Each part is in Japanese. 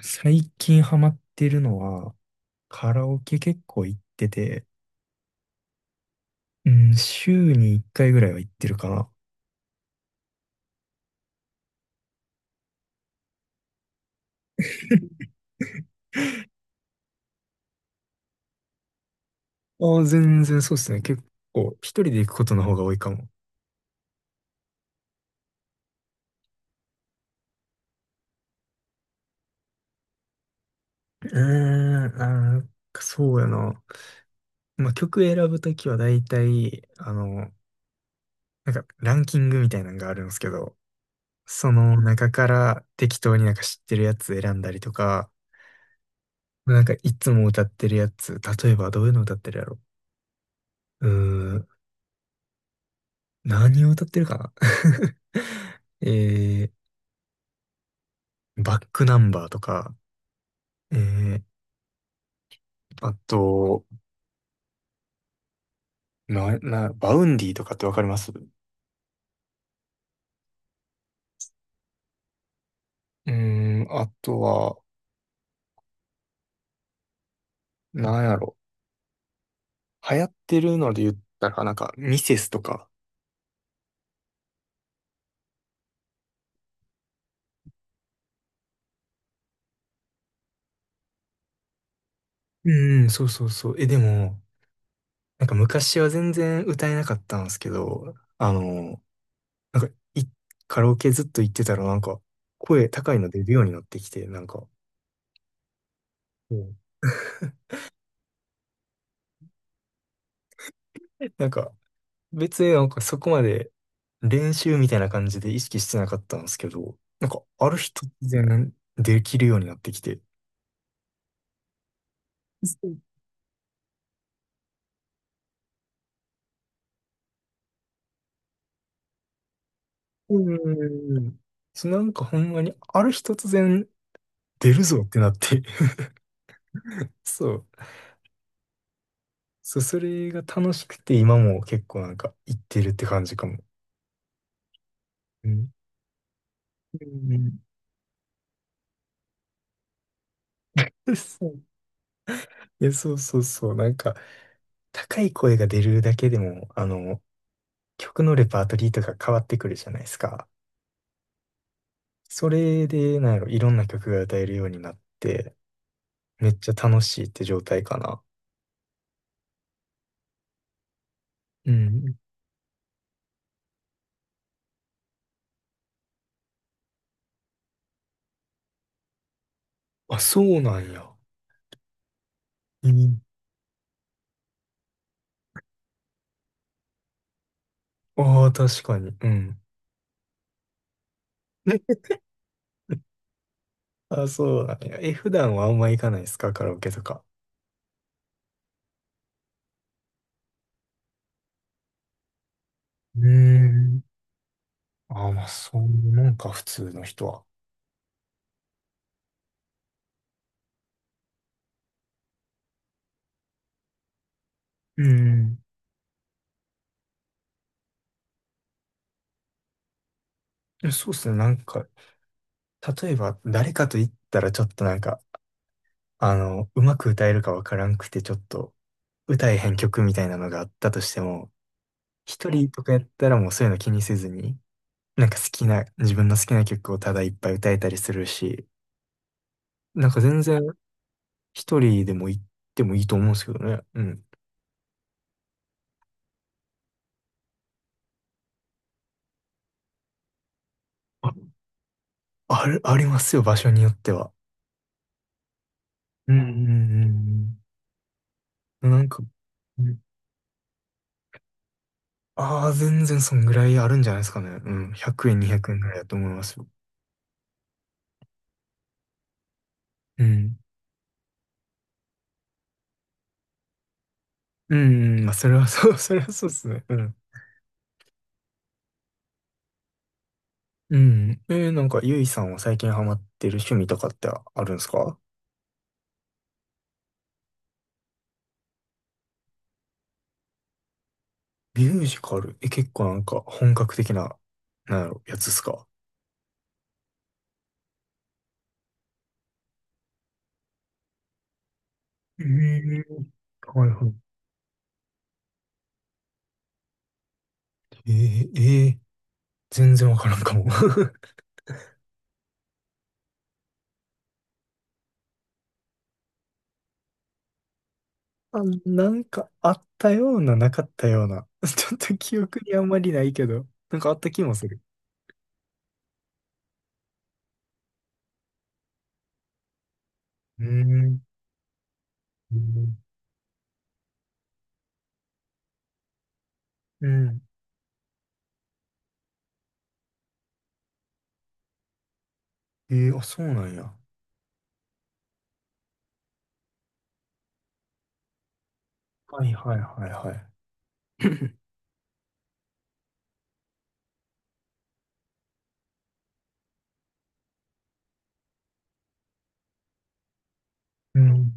最近ハマってるのは、カラオケ結構行ってて、うん、週に1回ぐらいは行ってるかな。ああ、全然そうですね。結構、一人で行くことの方が多いかも。うーん、そうやな。まあ、曲選ぶときは大体、なんかランキングみたいなのがあるんですけど、その中から適当になんか知ってるやつ選んだりとか、なんかいつも歌ってるやつ、例えばどういうの歌ってるやろ。うーん、何を歌ってるかな。 えバックナンバーとか、えー、あと、バウンディとかってわかります？うーん、あとは、なんやろ。流行ってるので言ったら、なんか、ミセスとか。うん、そうそうそう。え、でも、なんか昔は全然歌えなかったんですけど、なんか、カラオケずっと行ってたら、なんか、声高いの出るようになってきて、なんか、うん。 なんか、別になんかそこまで練習みたいな感じで意識してなかったんですけど、なんかある日突然できるようになってきて、そうんうん。そう、なんかほんまにある日突然出るぞってなって、そう。そう、それが楽しくて今も結構なんか行ってるって感じかも。うん。うん。そう。いや、そうそうそう。なんか高い声が出るだけでも、曲のレパートリーとか変わってくるじゃないですか。それで、なんやろ、いろんな曲が歌えるようになって、めっちゃ楽しいって状態かな。うん。あ、そうなんや。うん。ああ、確かに。うん。あ、そうなんや。え、普段はあんま行かないですかカラオケとか？うーん。ああ、まあ、そういうもんか、普通の人は。うん。いやそうっすね。なんか、例えば、誰かと言ったらちょっとなんか、うまく歌えるかわからんくて、ちょっと、歌えへん曲みたいなのがあったとしても、一人とかやったらもうそういうの気にせずに、なんか好きな、自分の好きな曲をただいっぱい歌えたりするし、なんか全然一人でも行ってもいいと思うんですけどね。うん。あ、ありますよ、場所によっては。うんうんうんうん。なんか、全然そんぐらいあるんじゃないですかね。うん。100円、200円ぐらいだと思いますよ。うん。うん、うんまあ、それはそう、それはそうですね。うん。うん。なんか、ゆいさんは最近ハマってる趣味とかってあるんですか？ミュージカル、え、結構なんか本格的な、なんやろ、やつっすか？ええ、はいはい。えー、えー、全然わからんかも。あ、なんかあったような、なかったような。ちょっと記憶にあんまりないけど、なんかあった気もする。うーん。うん。うん。あ、そうなんや。はいはいはいはい。うん。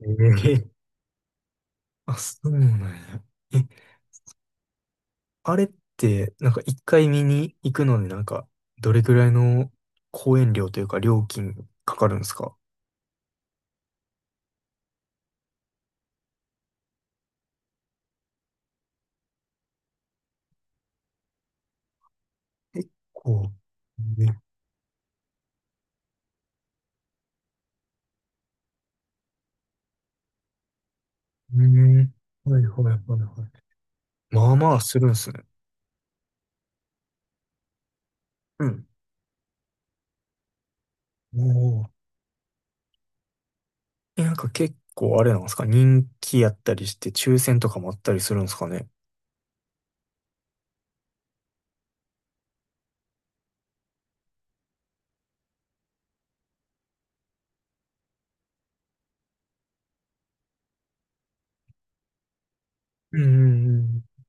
えー、あ、そうなんや。え、あれって、なんか一回見に行くので、なんか、どれぐらいの公演料というか料金かかるんですか？結構。ね。うん。はいはいはいはい。まあまあするんですね。うん。おお。え、なんか結構あれなんですか人気やったりして、抽選とかもあったりするんですかね？うんうん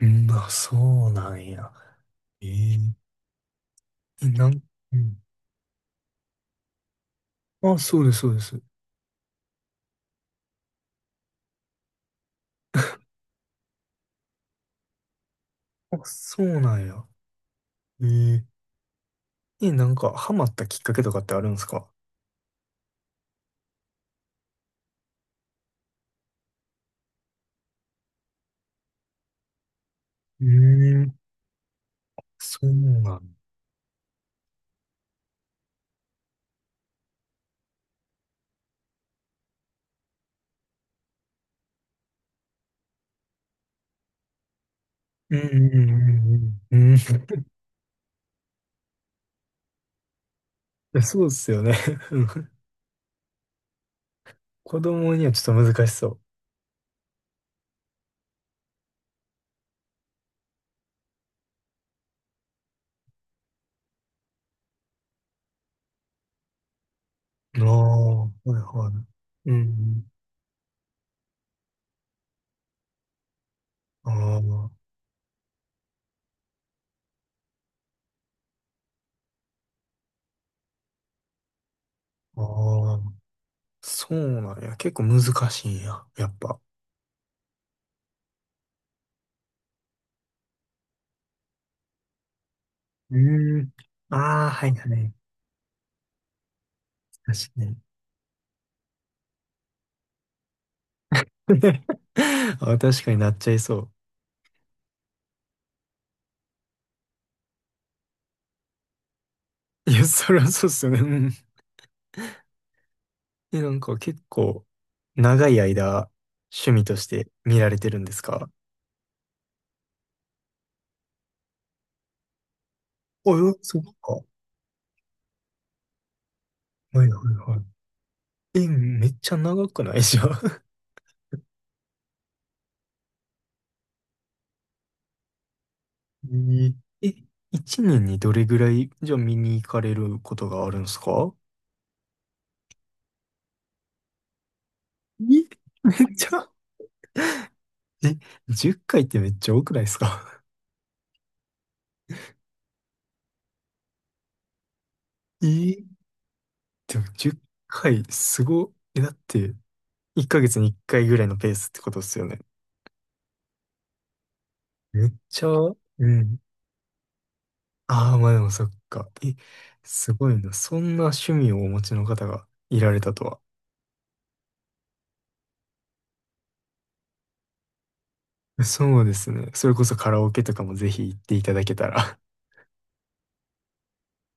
うん。うん、あ、そうなんや。え。ええ、うん。あ、そうです、そうです。あ、そうなんや。え。ええ、なんか、ハマったきっかけとかってあるんですか？うーん。そうなん。うんうんうんうん。うん。そうっすよね。子供にはちょっと難しそ。う。ああ、はいはい。うんうん。ああ、ああ。そうなんや。結構難しいんや。やっぱ。うーん。ああ、はいはい。確かに。あ、確かになっちゃいそう。いや、そりゃそうっすよね。うん。え、なんか結構長い間趣味として見られてるんですか？あ、えそうか。はいはいはい。え、めっちゃ長くない じゃん？ええ、一年にどれぐらいじゃあ見に行かれることがあるんですか？え、めっちゃ。え、10回っかいってめっちゃ多くないですか？ え、でも10回すご。え、だって1ヶ月に1回ぐらいのペースってことですよね。めっちゃ、うん。ああ、まあでもそっか。え、すごいな。そんな趣味をお持ちの方がいられたとは。そうですね。それこそカラオケとかもぜひ行っていただけたら。